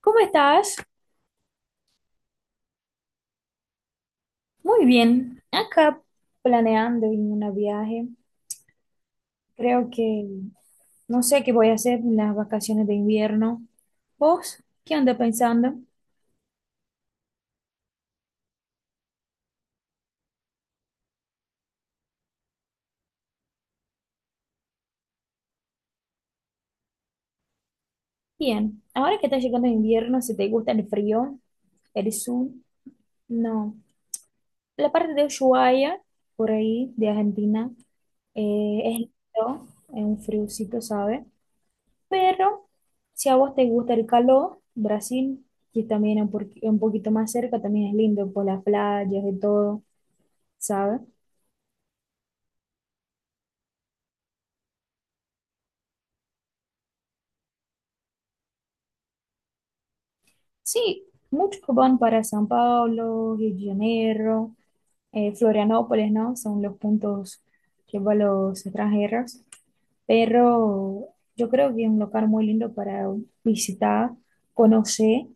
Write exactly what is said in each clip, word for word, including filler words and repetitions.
¿Cómo estás? Muy bien. Acá planeando en un viaje. Creo que no sé qué voy a hacer en las vacaciones de invierno. ¿Vos qué andas pensando? Bien. Ahora que está llegando el invierno, si te gusta el frío, el sur, no. La parte de Ushuaia, por ahí, de Argentina, eh, es lindo, es un friocito, ¿sabes? Pero si a vos te gusta el calor, Brasil, que también es un por- un poquito más cerca, también es lindo por las playas y todo, ¿sabes? Sí, muchos van para San Pablo, Rio de Janeiro, eh, Florianópolis, ¿no? Son los puntos que van los extranjeros. Pero yo creo que es un lugar muy lindo para visitar, conocer.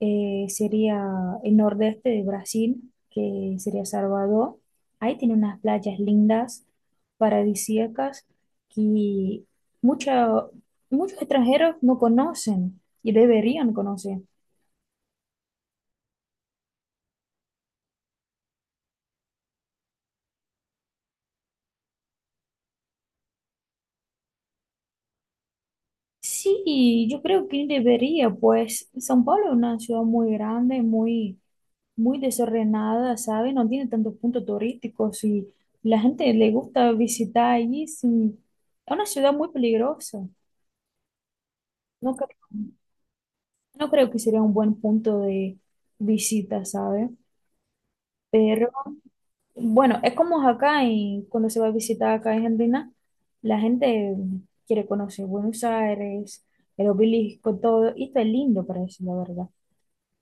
eh, Sería el nordeste de Brasil, que sería Salvador. Ahí tiene unas playas lindas, paradisíacas, que mucha- muchos extranjeros no conocen y deberían conocer. Sí, yo creo que debería, pues São Paulo es una ciudad muy grande, muy, muy desordenada, ¿sabes? No tiene tantos puntos turísticos y la gente le gusta visitar allí. Sí. Es una ciudad muy peligrosa. ¿No? No creo que sería un buen punto de visita, ¿sabes? Pero bueno, es como acá y cuando se va a visitar acá a Argentina, la gente quiere conocer Buenos Aires, el obelisco, todo, y está lindo para decir la verdad.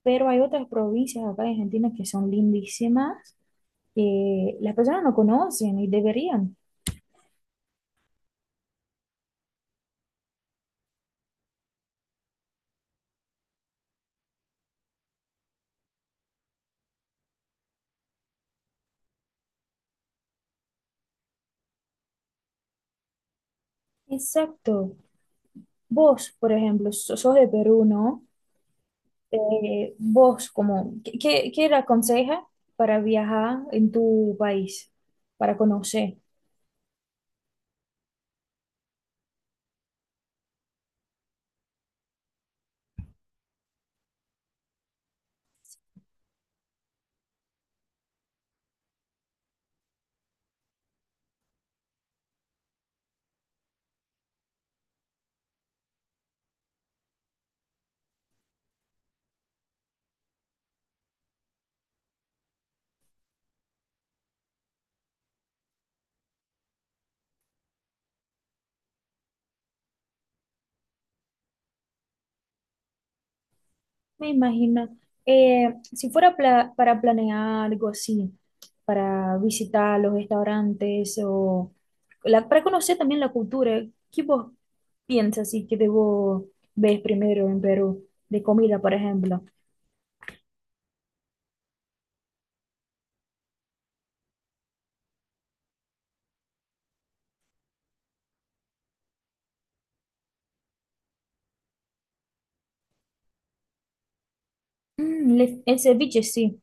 Pero hay otras provincias acá en Argentina que son lindísimas, que las personas no conocen y deberían. Exacto. Vos, por ejemplo, so- sos de Perú, ¿no? Eh, vos, como, ¿qué, qué qué le aconseja para viajar en tu país, para conocer? Me imagino, eh, si fuera pla- para planear algo así, para visitar los restaurantes o la- para conocer también la cultura, ¿qué vos piensas y que debo ver primero en Perú de comida, por ejemplo? Mm, le- el ceviche sí,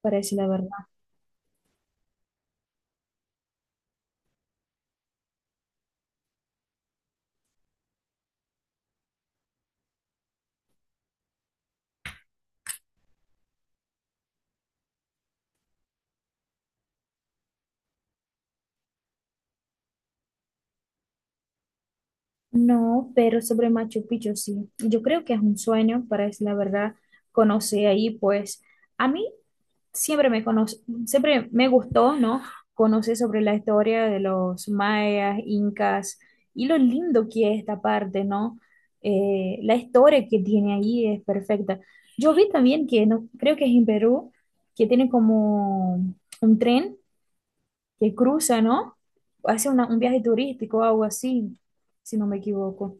parece la verdad. No, pero sobre Machu Picchu sí. Yo creo que es un sueño, para es la verdad, conocer ahí, pues a mí siempre me conoce, siempre me gustó, ¿no? Conocer sobre la historia de los mayas, incas y lo lindo que es esta parte, ¿no? Eh, la historia que tiene ahí es perfecta. Yo vi también que, no, creo que es en Perú, que tiene como un tren que cruza, ¿no? Hace una- un viaje turístico o algo así, si no me equivoco.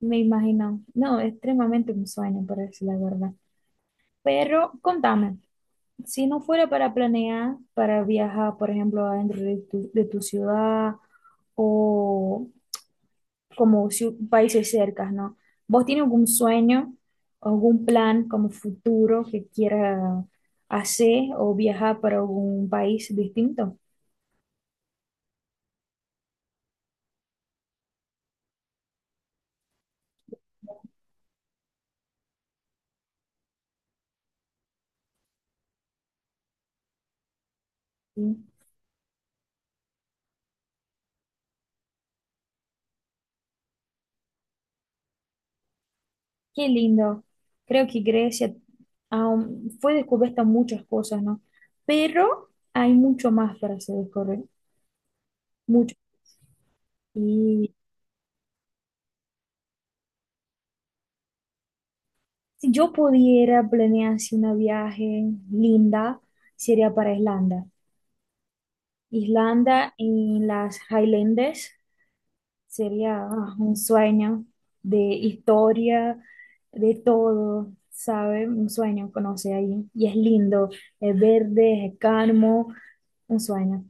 Me imagino. No, extremadamente un sueño, por decir la verdad. Pero contame, si no fuera para planear, para viajar, por ejemplo, adentro de tu, de tu ciudad o como ciu- países cercas, ¿no? ¿Vos tienes algún sueño, algún plan como futuro que quiera hacer o viajar para algún país distinto? Qué lindo. Creo que Grecia aún fue descubierta muchas cosas, ¿no? Pero hay mucho más para hacer descubrir, mucho. Y si yo pudiera planear así una viaje linda, sería para Islanda. Islanda en las Highlands sería ah, un sueño de historia, de todo, ¿sabe? Un sueño conocer ahí. Y es lindo, es verde, es calmo, un sueño.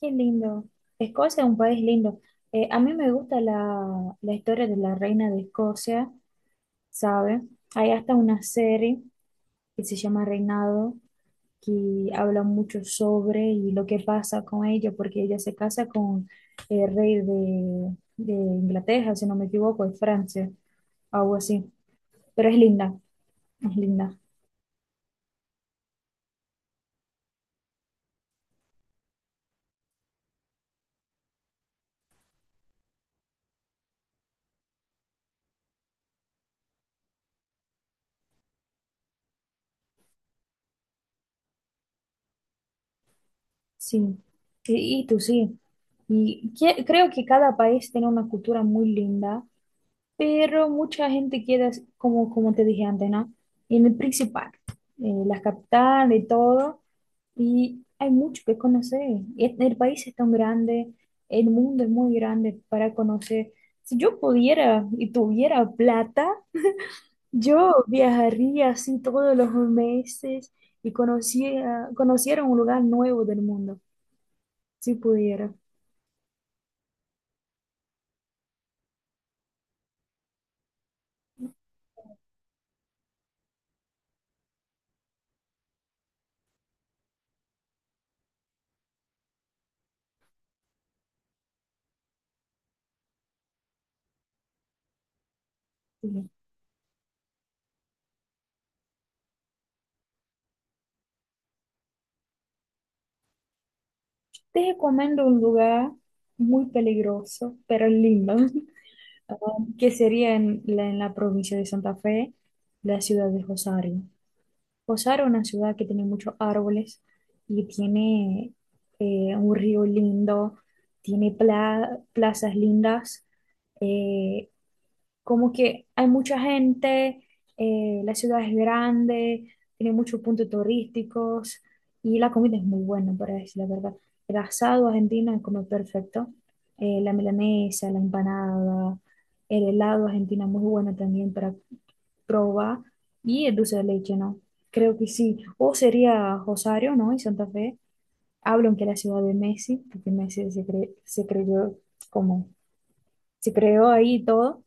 Qué lindo. Escocia es un país lindo. Eh, a mí me gusta la, la historia de la reina de Escocia, ¿sabes? Hay hasta una serie que se llama Reinado, que habla mucho sobre y lo que pasa con ella, porque ella se casa con el rey de, de Inglaterra, si no me equivoco, de Francia, algo así. Pero es linda, es linda, sí. Y, y tú sí. Y que- creo que cada país tiene una cultura muy linda pero mucha gente queda, as- como, como te dije antes, ¿no? En el principal, en la capital y todo, y hay mucho que conocer. E- El país es tan grande, el mundo es muy grande para conocer. Si yo pudiera y tuviera plata, yo viajaría así todos los meses y conocía, conociera un lugar nuevo del mundo, si pudiera. Sí. Te recomiendo un lugar muy peligroso, pero lindo. Que sería en la, en la provincia de Santa Fe, la ciudad de Rosario. Rosario es una ciudad que tiene muchos árboles y tiene eh, un río lindo, tiene pla- plazas lindas, eh, como que hay mucha gente, eh, la ciudad es grande, tiene muchos puntos turísticos y la comida es muy buena, para decir la verdad. El asado argentino es como perfecto, eh, la milanesa, la empanada, el helado argentino es muy bueno también para probar y el dulce de leche, ¿no? Creo que sí. O sería Rosario, ¿no? Y Santa Fe. Hablan que la ciudad de Messi, porque Messi se, cre- se creyó como, se creó ahí y todo.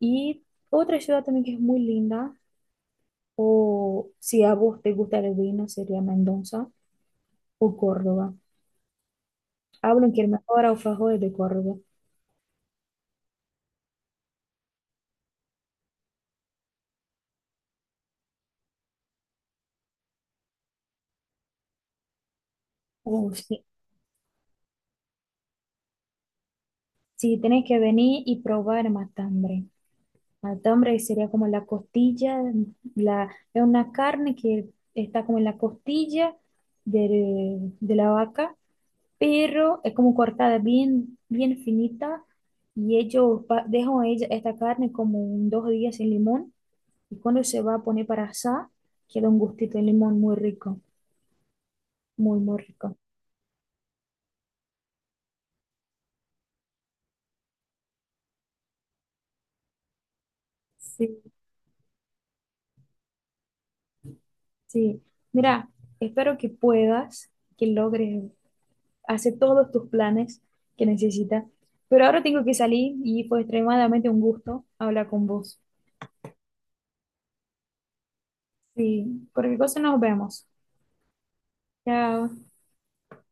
Y otra ciudad también que es muy linda, o si a vos te gusta el vino, sería Mendoza o Córdoba. Hablan que el mejor alfajor es de Córdoba. O si, si tenés que venir y probar matambre. Matambre sería como la costilla, la, es una carne que está como en la costilla del- de la vaca, pero es como cortada bien, bien finita y ellos pa- dejan ella, esta carne como un dos días sin limón. Y cuando se va a poner para asar, queda un gustito de limón muy rico, muy, muy rico. Sí, sí. Mira, espero que puedas, que logres hacer todos tus planes que necesitas. Pero ahora tengo que salir y fue extremadamente un gusto hablar con vos. Sí, por qué cosa nos vemos. Chao.